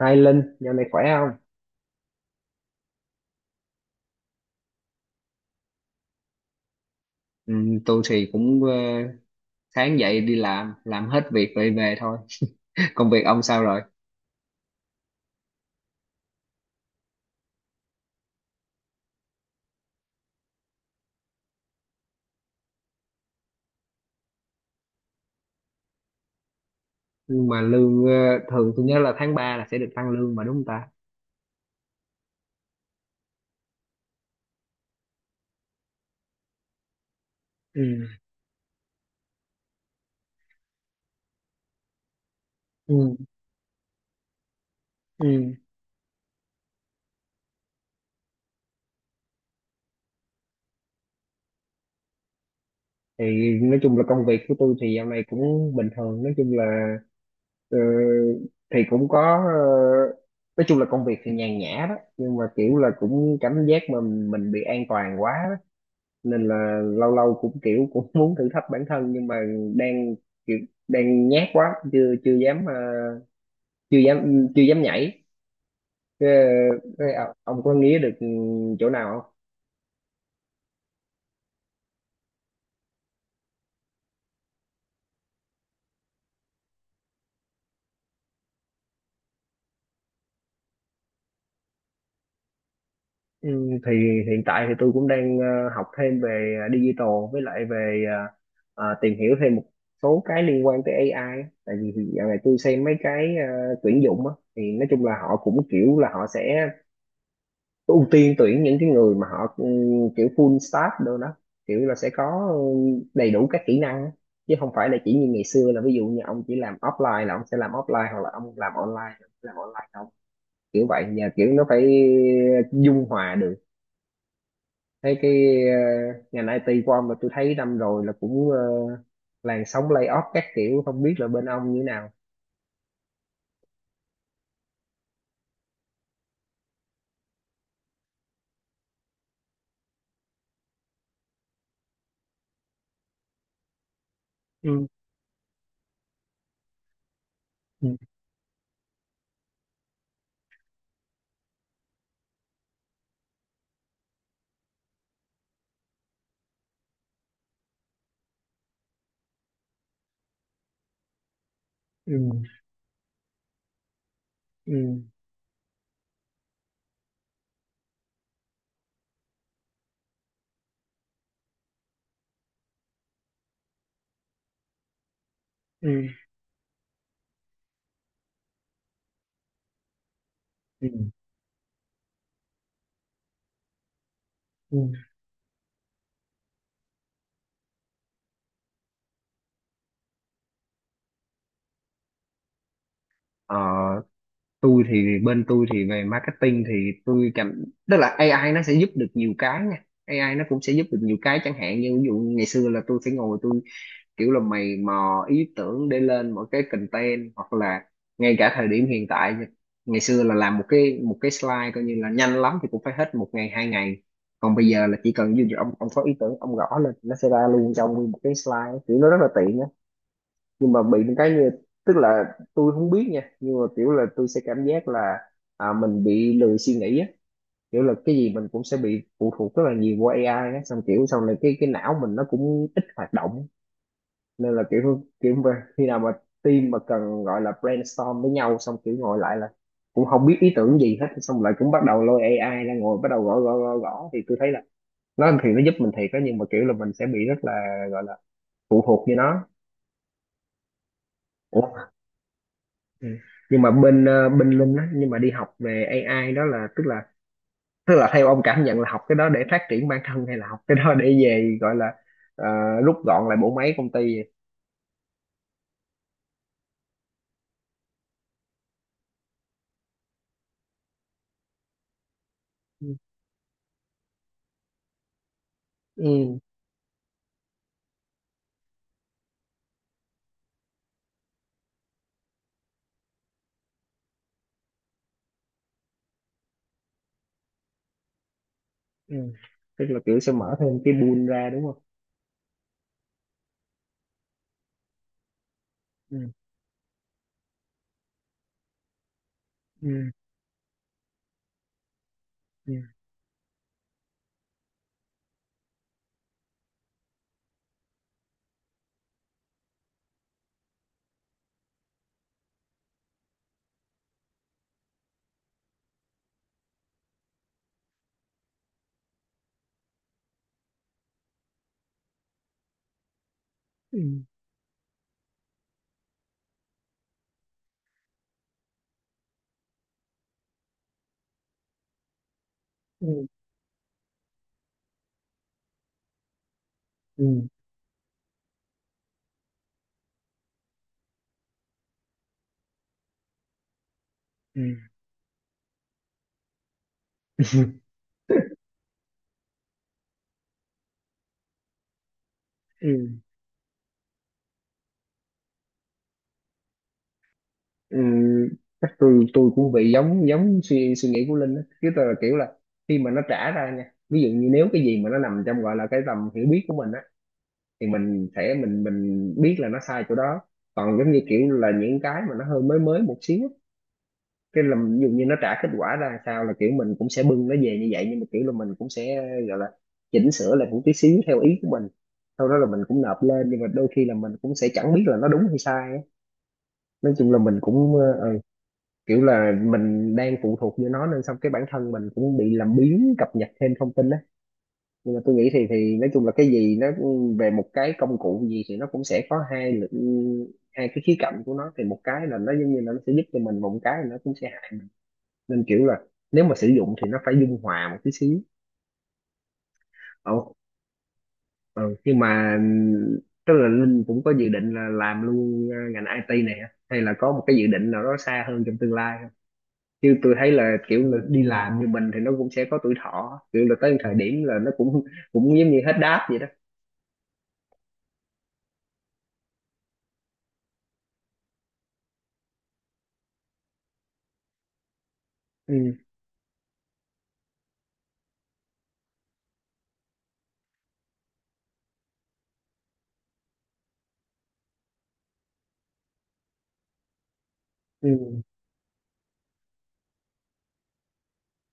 Hai Linh, dạo này khỏe không? Ừ, tôi thì cũng sáng dậy đi làm hết việc rồi về thôi. Công việc ông sao rồi? Nhưng mà lương thường tôi nhớ là tháng 3 là sẽ được tăng lương mà đúng không ta? Ừ, ừ, ừ. Thì nói chung là công việc của tôi thì dạo này cũng bình thường, nói chung là ờ, thì cũng có ờ, nói chung là công việc thì nhàn nhã đó, nhưng mà kiểu là cũng cảm giác mà mình bị an toàn quá, nên là lâu lâu cũng kiểu cũng muốn thử thách bản thân, nhưng mà đang kiểu đang nhát quá chưa chưa dám chưa dám chưa dám nhảy. Ờ, ông có nghĩ được chỗ nào không? Ừ, thì hiện tại thì tôi cũng đang học thêm về digital với lại về tìm hiểu thêm một số cái liên quan tới AI á. Tại vì dạo này tôi xem mấy cái tuyển dụng á thì nói chung là họ cũng kiểu là họ sẽ ưu tiên tuyển những cái người mà họ ừ, kiểu full stack đâu đó, kiểu là sẽ có ừ, đầy đủ các kỹ năng á. Chứ không phải là chỉ như ngày xưa là ví dụ như ông chỉ làm offline là ông sẽ làm offline, hoặc là ông làm online là ông sẽ làm online không, kiểu vậy nhà, kiểu nó phải dung hòa được. Thấy cái ờ, ngành IT của ông mà tôi thấy năm rồi là cũng làn sóng layoff các kiểu, không biết là bên ông như thế nào. Ừ, ừ, ừ, ừ, ừ, ừ, ừ. Ờ, tôi thì bên tôi thì về marketing thì tôi cảm tức là AI nó sẽ giúp được nhiều cái nha, AI nó cũng sẽ giúp được nhiều cái, chẳng hạn như ví dụ ngày xưa là tôi phải ngồi, kiểu là mày mò ý tưởng để lên một cái content, hoặc là ngay cả thời điểm hiện tại, ngày xưa là làm một cái slide coi như là nhanh lắm thì cũng phải hết một ngày hai ngày, còn bây giờ là chỉ cần ví dụ ông có ý tưởng ông gõ lên nó sẽ ra luôn cho ông nguyên một cái slide, kiểu nó rất là tiện á. Nhưng mà bị một cái như, tức là tôi không biết nha, nhưng mà kiểu là tôi sẽ cảm giác là à, mình bị lười suy nghĩ á, kiểu là cái gì mình cũng sẽ bị phụ thuộc rất là nhiều qua AI á, xong kiểu sau này cái não mình nó cũng ít hoạt động. Nên là kiểu kiểu mà khi nào mà team mà cần gọi là brainstorm với nhau xong kiểu ngồi lại là cũng không biết ý tưởng gì hết, xong lại cũng bắt đầu lôi AI ra ngồi bắt đầu gõ gõ gõ gõ thì tôi thấy là nó thì nó giúp mình thiệt đó, nhưng mà kiểu là mình sẽ bị rất là, gọi là, phụ thuộc với nó. Ừ. Nhưng mà bên bên Linh á, nhưng mà đi học về AI đó là tức là theo ông cảm nhận là học cái đó để phát triển bản thân, hay là học cái đó để về gọi là ờ, rút gọn lại bộ máy công ty vậy? Ừ. Ừ. Ừ. Tức là kiểu sẽ mở thêm cái pool ra đúng không? Ừ. Ừ. Ừ. Ừ. Ừ. Ừ. Ừ. Ừ. Ừ. Chắc tôi cũng bị giống giống suy suy nghĩ của Linh á, chứ tôi là kiểu là khi mà nó trả ra nha, ví dụ như nếu cái gì mà nó nằm trong gọi là cái tầm hiểu biết của mình á thì mình sẽ mình biết là nó sai chỗ đó. Còn giống như kiểu là những cái mà nó hơi mới mới một xíu, cái là ví dụ như nó trả kết quả ra sao là kiểu mình cũng sẽ bưng nó về như vậy, nhưng mà kiểu là mình cũng sẽ, gọi là, chỉnh sửa lại một tí xíu theo ý của mình, sau đó là mình cũng nộp lên, nhưng mà đôi khi là mình cũng sẽ chẳng biết là nó đúng hay sai á. Nói chung là mình cũng kiểu là mình đang phụ thuộc vô nó, nên xong cái bản thân mình cũng bị làm biếng cập nhật thêm thông tin á. Nhưng mà tôi nghĩ thì nói chung là cái gì nó về một cái công cụ gì thì nó cũng sẽ có hai lực, hai cái khía cạnh của nó, thì một cái là nó giống như là nó sẽ giúp cho mình, một cái là nó cũng sẽ hại mình. Nên kiểu là nếu mà sử dụng thì nó phải dung hòa một tí xíu. Ồ, ừ, nhưng mà tức là Linh cũng có dự định là làm luôn ngành IT này hả? Hay là có một cái dự định nào đó xa hơn trong tương lai không? Chứ tôi thấy là kiểu là đi làm như mình thì nó cũng sẽ có tuổi thọ, kiểu là tới thời điểm là nó cũng cũng giống như hết đáp vậy đó. Ừ.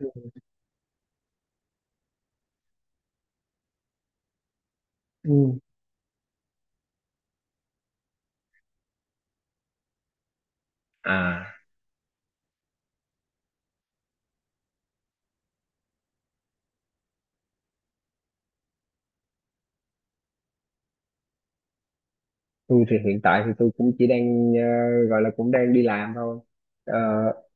Ừ. Ừ. À, tôi thì hiện tại thì tôi cũng chỉ đang gọi là cũng đang đi làm thôi. Ờ,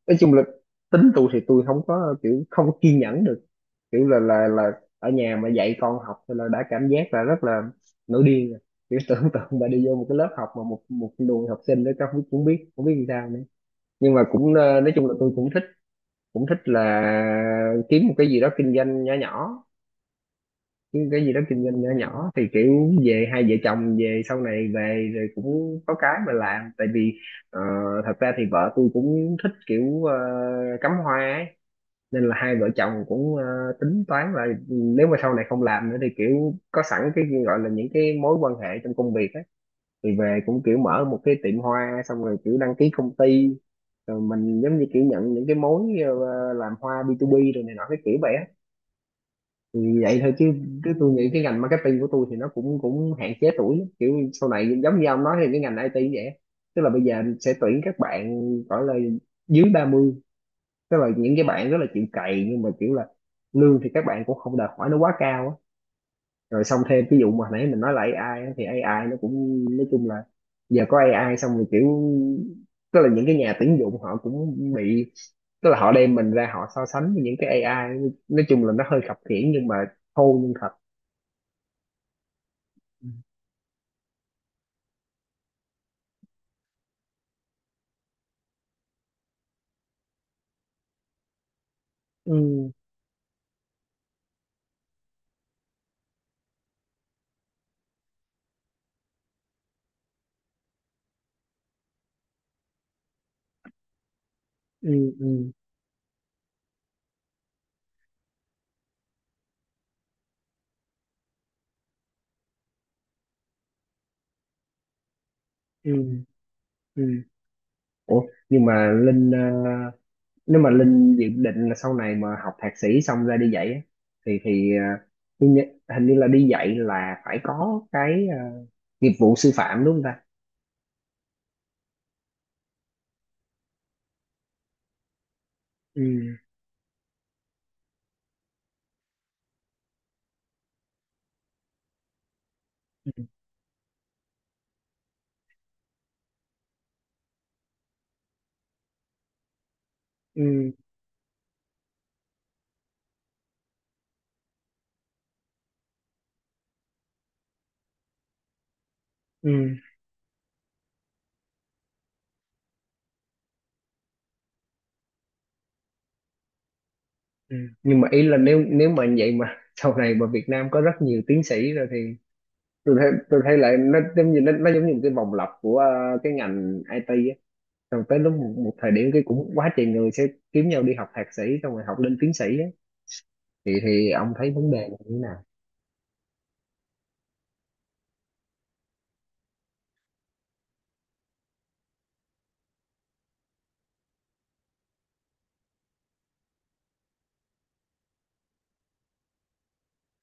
nói chung là tính tôi thì tôi không có kiểu không có kiên nhẫn được, kiểu là là ở nhà mà dạy con học thì là đã cảm giác là rất là nổi điên rồi, kiểu tưởng tượng mà đi vô một cái lớp học mà một một đùi học sinh đó các không cũng biết cũng biết làm sao nữa. Nhưng mà cũng nói chung là tôi cũng thích, cũng thích là kiếm một cái gì đó kinh doanh nhỏ nhỏ, cái gì đó kinh doanh nhỏ nhỏ thì kiểu về hai vợ chồng về sau này về rồi cũng có cái mà làm. Tại vì ờ, thật ra thì vợ tôi cũng thích kiểu cắm hoa ấy, nên là hai vợ chồng cũng tính toán là nếu mà sau này không làm nữa thì kiểu có sẵn cái gọi là những cái mối quan hệ trong công việc ấy, thì về cũng kiểu mở một cái tiệm hoa, xong rồi kiểu đăng ký công ty, rồi mình giống như kiểu nhận những cái mối làm hoa B2B rồi này nọ cái kiểu vậy á. Thì vậy thôi chứ, chứ tôi nghĩ cái ngành marketing của tôi thì nó cũng cũng hạn chế tuổi lắm. Kiểu sau này giống như ông nói thì cái ngành IT cũng vậy, tức là bây giờ sẽ tuyển các bạn gọi là dưới 30, tức là những cái bạn rất là chịu cày, nhưng mà kiểu là lương thì các bạn cũng không đòi hỏi nó quá cao á. Rồi xong thêm ví dụ mà hồi nãy mình nói là AI á, thì AI nó cũng nói chung là giờ có AI xong rồi kiểu, tức là những cái nhà tuyển dụng họ cũng bị, tức là họ đem mình ra họ so sánh với những cái AI, nói chung là nó hơi khập khiễng nhưng mà thô nhưng thật. Ừ. Ừ. Ừ. Ừ. Ừ. Ủa, nhưng mà Linh nếu mà Linh dự định là sau này mà học thạc sĩ xong ra đi dạy á, thì tôi nhớ hình như là đi dạy là phải có cái nghiệp vụ sư phạm đúng không ta? Ừ. Ừ. Ừ. Ừ. Ừ. Nhưng mà ý là nếu nếu mà vậy mà sau này mà Việt Nam có rất nhiều tiến sĩ rồi thì tôi thấy lại nó giống như nó giống như một cái vòng lặp của cái ngành IT, rồi tới lúc một, một thời điểm cái cũng quá trời người sẽ kiếm nhau đi học thạc sĩ xong rồi học lên tiến sĩ á, thì ông thấy vấn đề là như thế nào?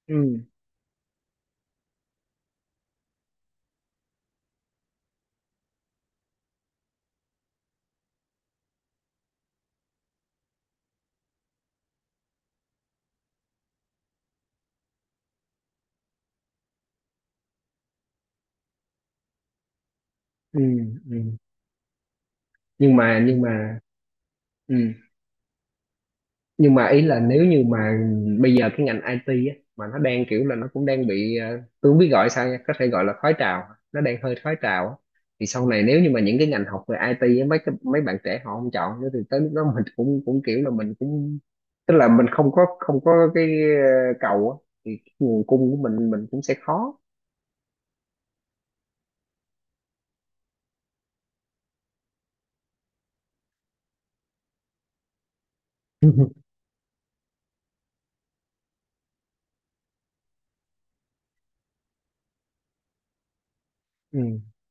Ừ, ừ, ừ. Nhưng mà nhưng mà ừ. Nhưng mà ý là nếu như mà bây giờ cái ngành IT á, mà nó đang kiểu là nó cũng đang bị tôi không biết gọi sao nha, có thể gọi là khói trào, nó đang hơi khói trào á. Thì sau này nếu như mà những cái ngành học về IT á, mấy cái, mấy bạn trẻ họ không chọn nữa thì tới lúc đó mình cũng cũng kiểu là mình cũng, tức là mình không có cái ờ, cầu á, thì cái nguồn cung của mình cũng sẽ khó. Ừ.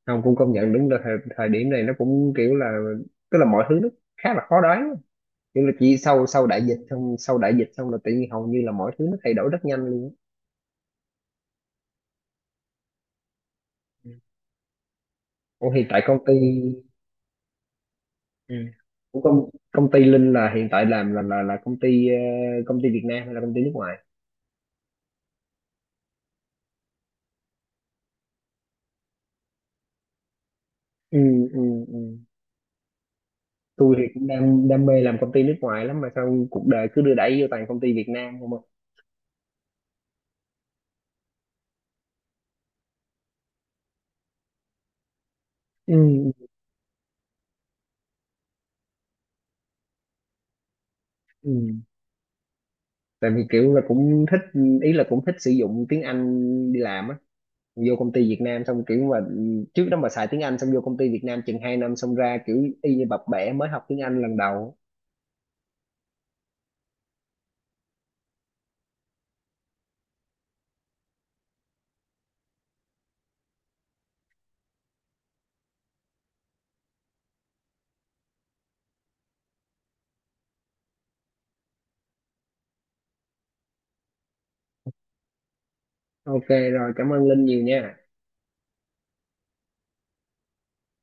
Không, cũng công nhận đúng là thời, thời điểm này nó cũng kiểu là, tức là mọi thứ nó khá là khó đoán, nhưng mà chỉ sau sau đại dịch xong sau đại dịch xong là tự nhiên hầu như là mọi thứ nó thay đổi rất nhanh luôn á. Ủa, hiện tại công ty. Ừ. Của công công ty Linh là hiện tại làm là là công ty công ty Việt Nam hay là công ty nước ngoài? Ừ, ừ, ừ. Tôi thì cũng đam đam mê làm công ty nước ngoài lắm, mà sao cuộc đời cứ đưa đẩy vô toàn công ty Việt Nam không à. Ừ, ừ. Tại vì kiểu là cũng thích, ý là cũng thích sử dụng tiếng Anh đi làm á, vô công ty Việt Nam xong kiểu mà trước đó mà xài tiếng Anh xong vô công ty Việt Nam chừng 2 năm xong ra kiểu y như bập bẹ mới học tiếng Anh lần đầu. OK rồi, cảm ơn Linh nhiều nha.